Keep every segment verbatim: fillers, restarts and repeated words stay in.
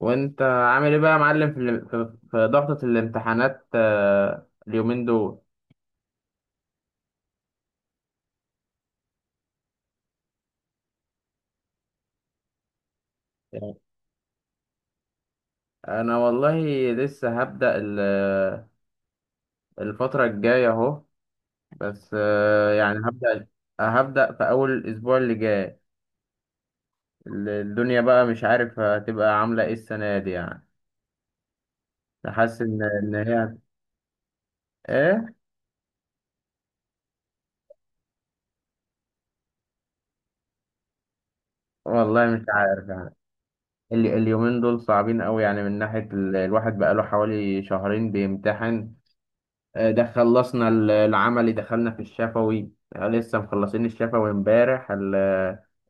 وانت عامل ايه بقى يا معلم في الام- في في ضغطة الامتحانات آه، اليومين دول. انا والله لسه هبدأ ال- الفترة الجاية اهو، بس آه، يعني هبدأ هبدأ في اول الاسبوع اللي جاي. ال- الدنيا بقى مش عارف هتبقى عاملة ايه السنة دي يعني، حاسس ان ان هي ايه. والله مش عارف يعني. ال- اليومين دول صعبين قوي يعني، من ناحية ال- الواحد بقى له حوالي شهرين بيمتحن. آه، ده خلصنا ال- العملي، دخلنا في الشفوي. آه، لسه مخلصين الشفوي امبارح. ال-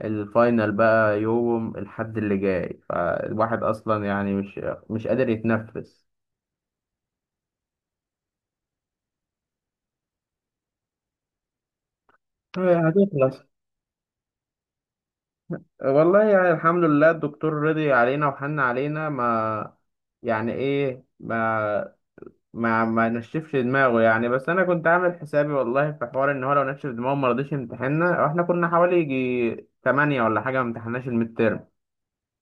الفاينل بقى يوم الحد اللي جاي، فالواحد اصلا يعني مش مش قادر يتنفس. آه، هتخلص. والله يعني الحمد لله، الدكتور رضي علينا وحن علينا، ما يعني ايه، ما ما ما نشفش دماغه يعني. بس انا كنت عامل حسابي والله، في حوار ان هو لو نشف دماغه ما رضيش يمتحننا. احنا كنا حوالي يجي ثمانية ولا حاجه، ما امتحناش الميد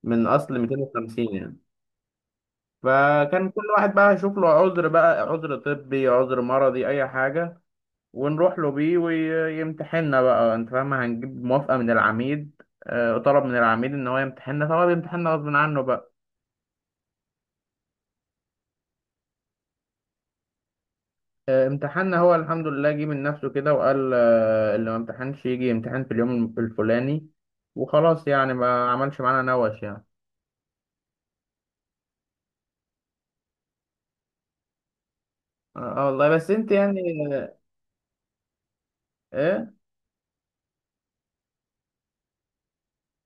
من اصل مئتين وخمسين يعني. فكان كل واحد بقى يشوف له عذر، بقى عذر طبي، عذر مرضي، اي حاجه، ونروح له بيه ويمتحننا. بقى انت فاهم، هنجيب موافقه من العميد. آه، طلب من العميد ان هو يمتحننا، فهو بيمتحننا غصب عنه بقى. آه، امتحاننا هو الحمد لله جه من نفسه كده، وقال آه، اللي ما امتحنش يجي يمتحن في اليوم الفلاني وخلاص يعني، ما عملش معانا نوش يعني. اه، آه والله. بس انت يعني ايه؟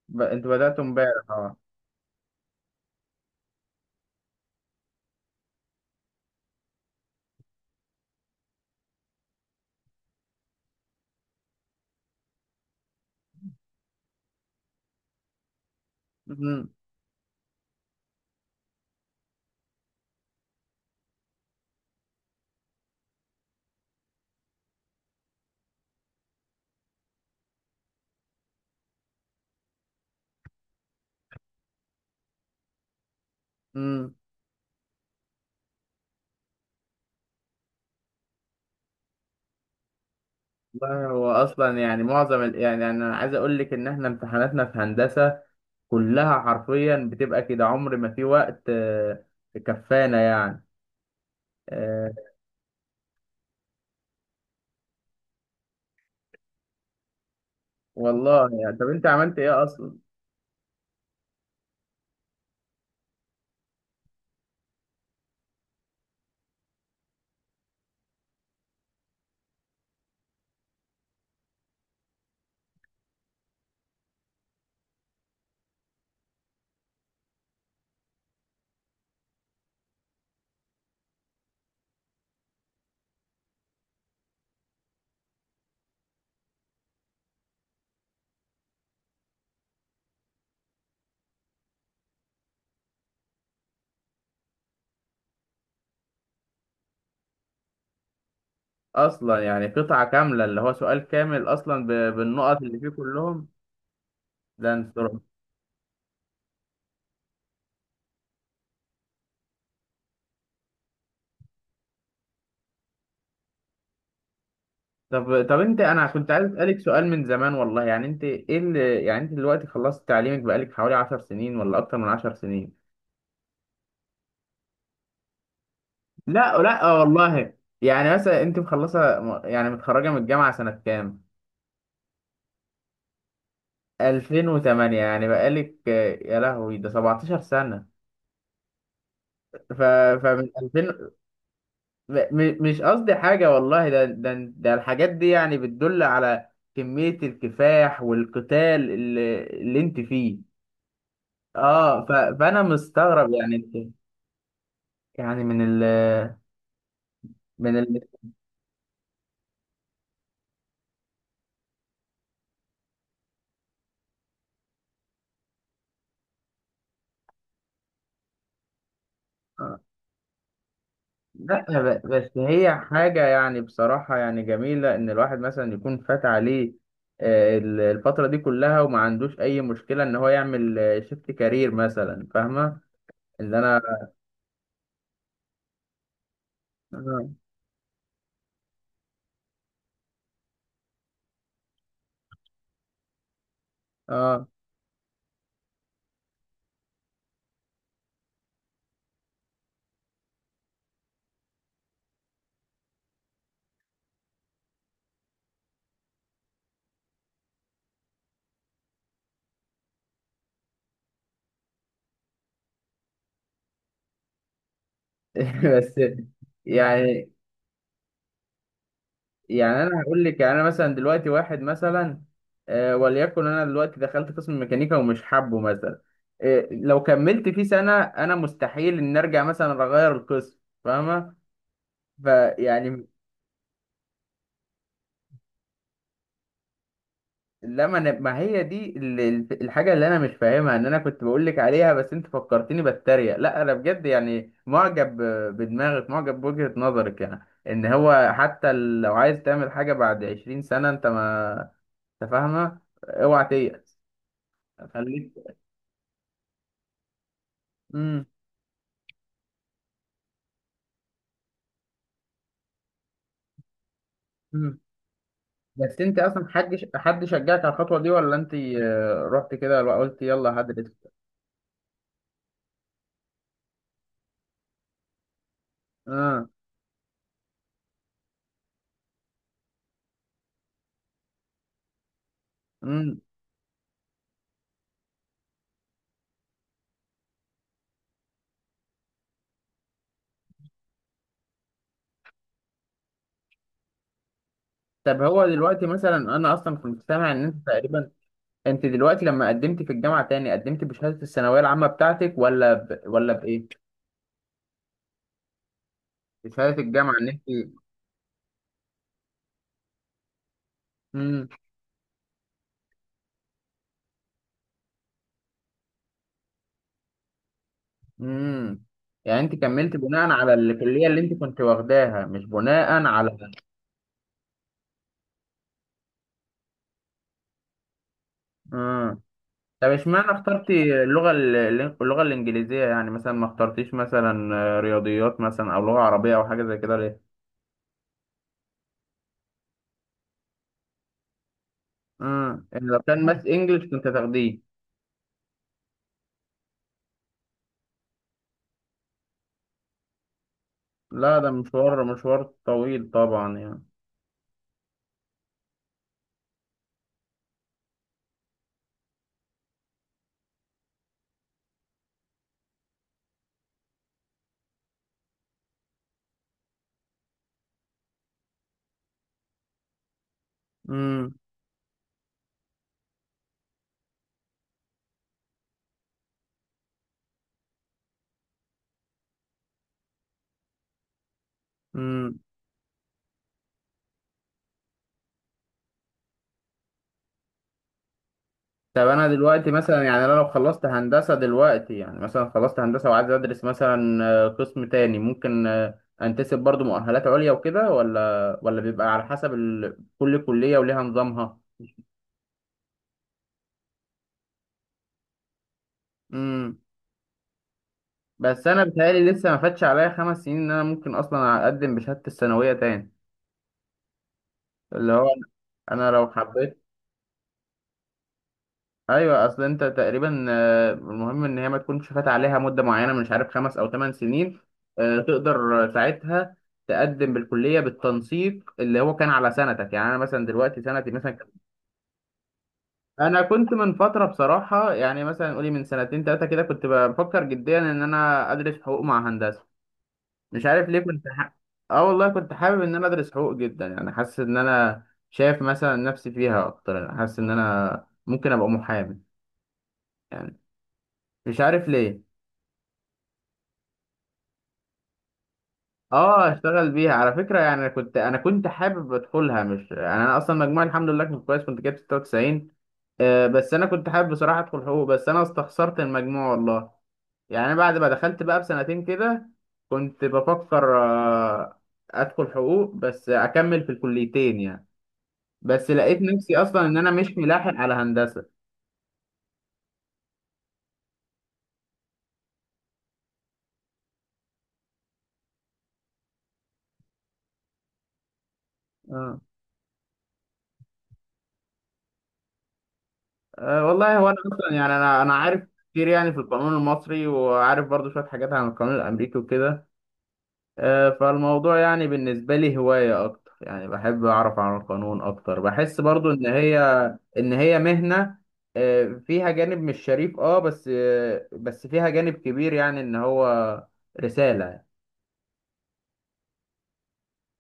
ب- انتوا بدأتوا امبارح، اه. مم، مم. والله هو اصلا يعني معظم ال... يعني انا عايز اقول لك ان احنا امتحاناتنا في هندسه كلها حرفيا بتبقى كده، عمر ما في وقت آه، كفانا يعني. آه، والله يعني، طب انت عملت ايه اصلا؟ اصلا يعني قطعه كامله، اللي هو سؤال كامل اصلا ب... بالنقط اللي فيه كلهم. ده انت رعب. طب طب انت انا كنت عايز اسالك سؤال من زمان، والله يعني انت ايه اللي يعني، انت دلوقتي خلصت تعليمك بقالك حوالي عشر سنين ولا اكتر من عشر سنين؟ لا، لا. آه والله، يعني مثلا انت مخلصه، يعني متخرجه من الجامعه سنه كام؟ ألفين وثمانية، يعني بقالك، يا لهوي ده سبعتاشر سنه! ف فمن ألفين م... م- مش قصدي حاجه والله، ده ده ده الحاجات دي يعني بتدل على كميه الكفاح والقتال اللي, اللي انت فيه. اه، ف... فانا مستغرب يعني، انت يعني من ال من ال لا، ب- بس هي حاجة يعني بصراحة يعني جميلة، إن الواحد مثلا يكون فات عليه آه، ال- الفترة دي كلها وما عندوش أي مشكلة إن هو يعمل شيفت كارير مثلا، فاهمة؟ إن أنا آه آه. بس يعني يعني أنا هقول لك، يعني أنا مثلا دلوقتي واحد مثلا، آه، وليكن أنا دلوقتي دخلت قسم ميكانيكا ومش حابه مثلا، آه، لو كملت فيه سنة أنا مستحيل إن أرجع مثلا أغير القسم، فاهمة؟ فيعني، لا ما، أنا، ما هي دي ال- ال- الحاجة اللي أنا مش فاهمها، إن أنا كنت بقول لك عليها. بس أنت فكرتني بتريق. لا أنا بجد يعني معجب ب- بدماغك، معجب بوجهة نظرك، يعني إن هو حتى ال- لو عايز تعمل حاجة بعد عشرين سنة، أنت ما، أنت فاهمة؟ أوعى تيأس. خليك. مم. مم. بس أنت أصلا حد ش- حد شجعك على الخطوة دي، ولا أنت آه، رحت كده قلت يلا هدرس؟ آه. مم. طب هو دلوقتي مثلا أنا أصلا كنت سامع إن أنت تقريبا انت دلوقتي لما قدمت في الجامعه تاني، قدمت بشهاده الثانويه العامه بتاعتك ولا ب... ولا بايه؟ بشهاده الجامعه، ان انت. امم. امم. يعني انت كملت بناء على الكليه اللي انت كنت واخداها، مش بناء على. امم. طب اشمعنى اخترتي اللغه ال- اللغه الانجليزيه؟ يعني مثلا ما اخترتيش مثلا آه، رياضيات مثلا، او لغه عربيه، او حاجه زي كده، ليه؟ امم. يعني لو كان ماس انجلش كنت هتاخديه؟ لا، ده مشوار مشوار طويل طبعا يعني. امم. طب انا دلوقتي مثلا يعني، انا لو خلصت هندسه دلوقتي، يعني مثلا خلصت هندسه وعايز ادرس مثلا آه، قسم تاني، ممكن آه، انتسب برضو مؤهلات عليا وكده، ولا ولا بيبقى على حسب ال... كل كليه وليها نظامها؟ امم. بس انا بتهيألي لسه ما فاتش عليا خمس سنين، ان انا ممكن اصلا اقدم بشهاده الثانويه تاني، اللي هو انا لو حبيت. ايوه، اصل انت تقريبا آه، المهم ان هي ما تكونش فات عليها مده معينه، مش عارف، خمس او ثمان سنين، آه، تقدر ساعتها تقدم بالكليه بالتنسيق اللي هو كان على سنتك، يعني انا مثلا دلوقتي سنتي مثلا كانت-. انا كنت من فتره بصراحه، يعني مثلا قولي من سنتين ثلاثه كده، كنت بفكر جديا ان انا ادرس حقوق مع هندسه. مش عارف ليه كنت ح... اه والله، كنت حابب ان انا ادرس حقوق جدا يعني، حاسس ان انا شايف مثلا نفسي فيها اكتر، يعني حاسس ان انا ممكن ابقى محامي يعني. مش عارف ليه. اه، اشتغل بيها على فكره يعني. انا كنت انا كنت حابب ادخلها، مش يعني، انا اصلا مجموعي الحمد لله كنت كويس، كنت جايب ستة وتسعين. آه، بس انا كنت حابب بصراحه ادخل حقوق، بس انا استخسرت المجموع والله. يعني أنا بعد ما دخلت بقى بسنتين كده، كنت بفكر آه، ادخل حقوق بس اكمل في الكليتين يعني. بس لقيت نفسي اصلا ان انا مش ملاحق على هندسه. اه، أه والله، هو انا اصلا يعني، انا انا عارف كتير يعني في القانون المصري، وعارف برضو شويه حاجات عن القانون الامريكي وكده. آه، فالموضوع يعني بالنسبة لي هواية أكتر، يعني بحب أعرف عن القانون أكتر، بحس برضو إن هي إن هي مهنة، آه، فيها جانب مش شريف، أه بس آه، بس فيها جانب كبير يعني إن هو رسالة.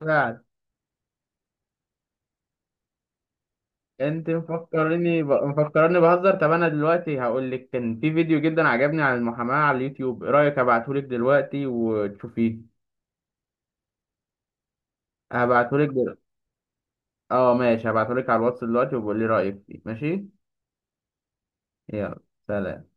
فعلا. أنت مفكرني ب... مفكرني بهزر. طب أنا دلوقتي هقول لك، كان في فيديو جدا عجبني عن المحاماة على اليوتيوب، إيه رأيك أبعتهولك دلوقتي وتشوفيه؟ هبعتهولك دل... أه، ماشي. هبعتهولك على الواتس دلوقتي وبقول لي رأيك فيه، ماشي؟ يلا. سلام.